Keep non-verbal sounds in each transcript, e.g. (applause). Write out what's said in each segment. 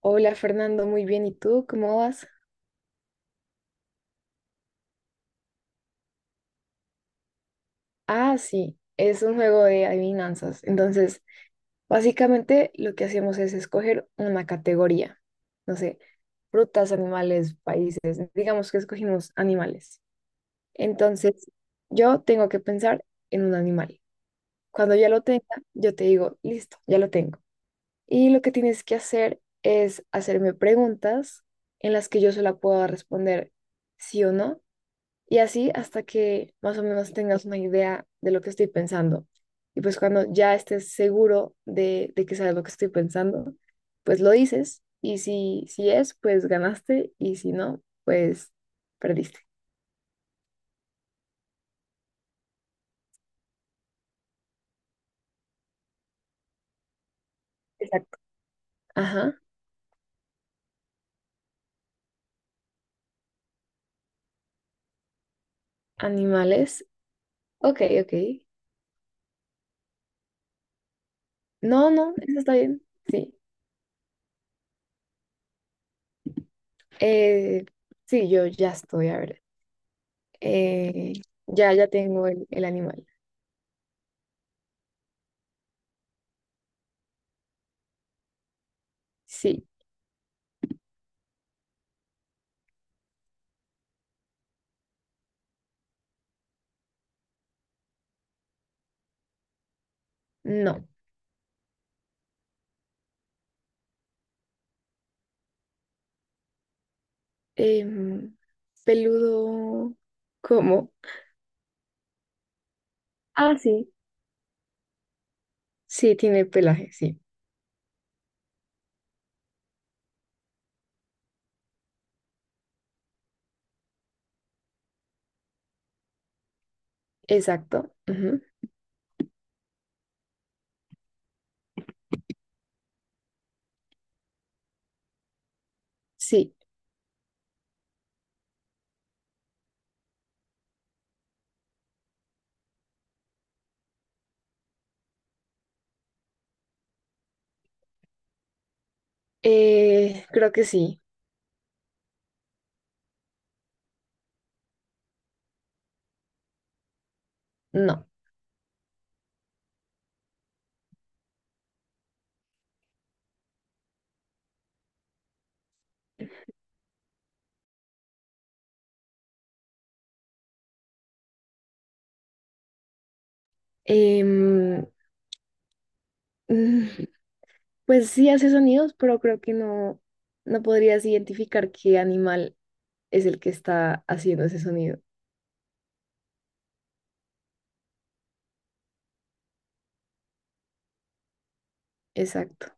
Hola Fernando, muy bien. ¿Y tú cómo vas? Ah, sí, es un juego de adivinanzas. Entonces, básicamente lo que hacemos es escoger una categoría. No sé, frutas, animales, países. Digamos que escogimos animales. Entonces, yo tengo que pensar en un animal. Cuando ya lo tenga, yo te digo, listo, ya lo tengo. Y lo que tienes que hacer es hacerme preguntas en las que yo solo puedo responder sí o no. Y así hasta que más o menos tengas una idea de lo que estoy pensando. Y pues cuando ya estés seguro de que sabes lo que estoy pensando, pues lo dices. Y si, si es, pues ganaste. Y si no, pues perdiste. Exacto. Ajá. Animales. Ok, ok. No, no, eso está bien. Sí. Eh, sí, yo ya estoy, a ver. Eh, ya, ya tengo el animal. Sí. No. Em, Peludo, ¿cómo? Ah, sí, sí, tiene pelaje, sí, exacto. Ujú. Sí, creo que sí, no. Em, (laughs) mm, pues sí hace sonidos, pero creo que no, no podrías identificar qué animal es el que está haciendo ese sonido. Exacto.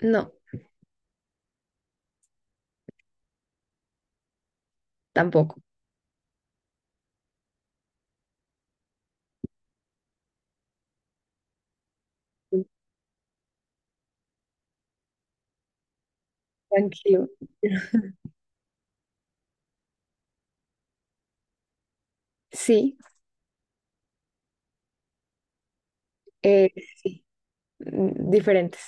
No, tampoco. Tranquilo. Sí, eh, sí, diferentes.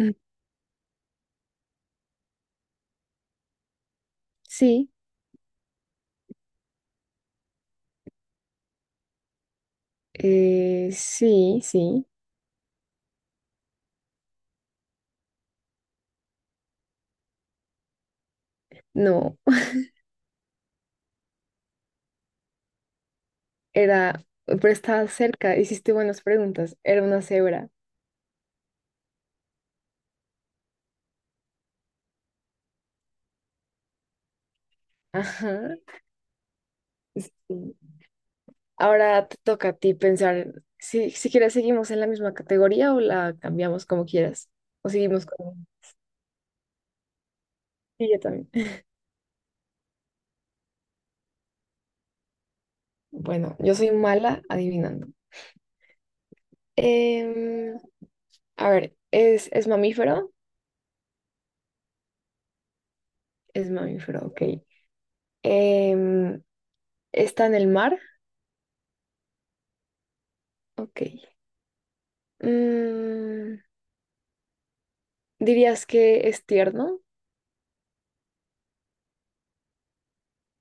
Mm, sí, sí, sí, no. Era, pero estaba cerca, hiciste buenas preguntas. Era una cebra. Ajá. Sí. Ahora te toca a ti pensar si, si quieres seguimos en la misma categoría o la cambiamos como quieras. O seguimos con... Sí, yo también. (laughs) Bueno, yo soy mala adivinando. Em, a ver, es mamífero? Es mamífero, ok. Em, ¿Está en el mar? Ok. Mm, ¿dirías que es tierno?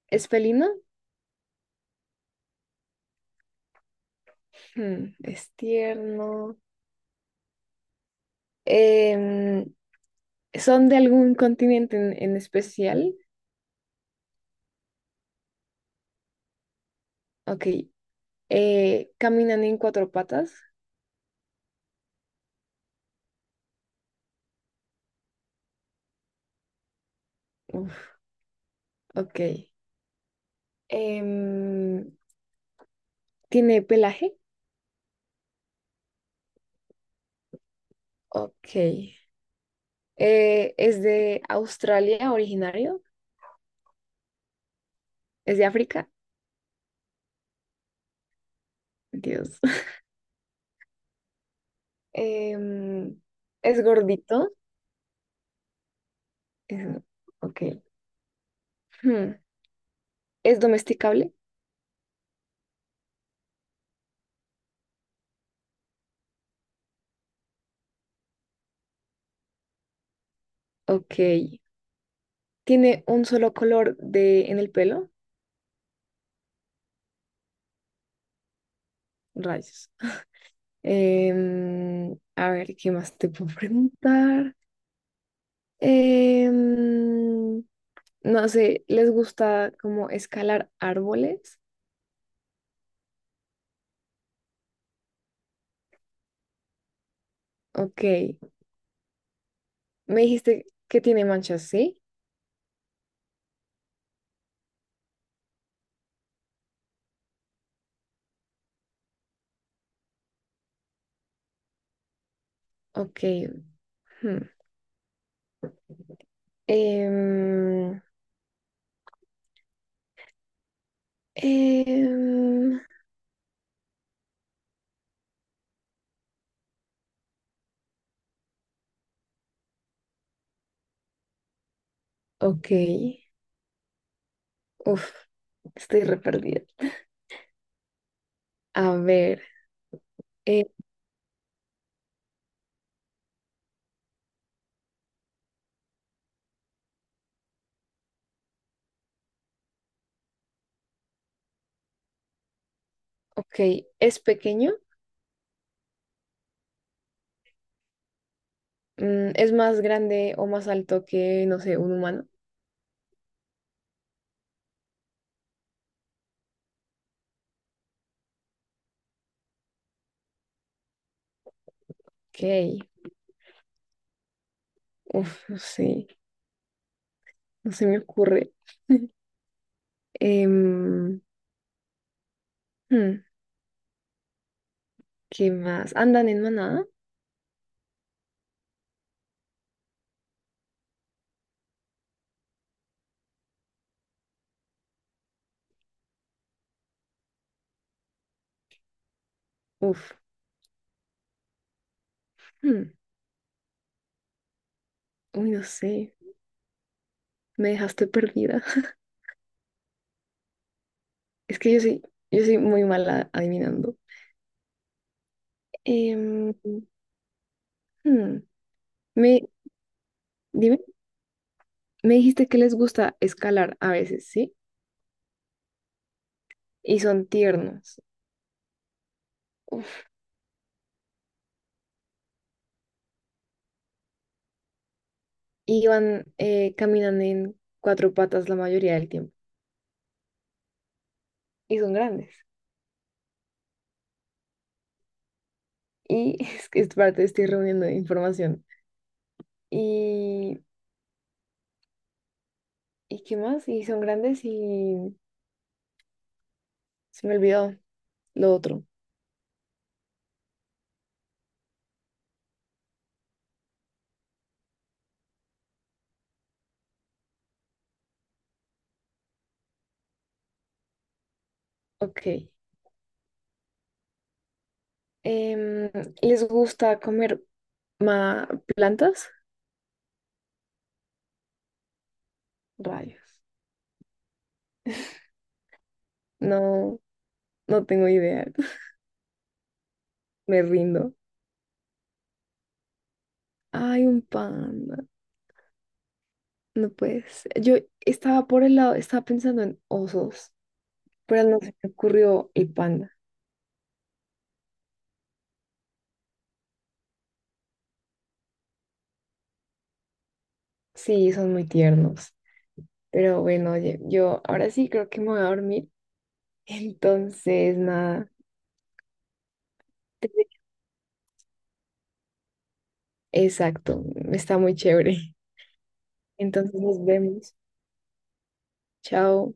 ¿Es felino? Hmm, es tierno. Em, ¿Son de algún continente en especial? Ok. ¿Caminan en cuatro patas? Uf, ok. Em, ¿Tiene pelaje? Ok. ¿Es de Australia originario? ¿Es de África? Dios. (laughs) Em, ¿Es gordito? Es- ok. Hmm, ¿es domesticable? Ok. ¿Tiene un solo color de, en el pelo? Rayos. A ver, ¿qué más te puedo preguntar? Em, no sé, ¿les gusta como escalar árboles? Ok, me dijiste que tiene manchas, ¿sí? Ok. Hmm. Em, em, ok, uf, estoy re perdida. A ver, eh, ok, ¿es pequeño? Mm, ¿es más grande o más alto que, no sé, un humano? Ok, uf, sí. (laughs) No se me ocurre. (laughs) Em, hmm, ¿qué más? ¿Andan en manada? Uf. Hmm, uy, no sé. Me dejaste perdida. (laughs) Es que yo soy muy mala adivinando. Em, hmm, Me, dime, me dijiste que les gusta escalar a veces, ¿sí? Y son tiernos. Uf. Y van, caminan en cuatro patas la mayoría del tiempo. Y son grandes. Y (laughs) es que es parte, estoy reuniendo información. Y ¿y qué más? Y son grandes y se me olvidó lo otro. Ok. Em, ¿Les gusta comer ma- plantas? Rayos. No, no tengo idea. (laughs) Me rindo. Ay, un panda. No puedes. Yo estaba por el lado, estaba pensando en osos, pero no se me ocurrió el panda. Sí, son muy tiernos. Pero bueno, oye, yo ahora sí creo que me voy a dormir. Entonces, nada. Exacto. Está muy chévere. Entonces nos vemos. Chao.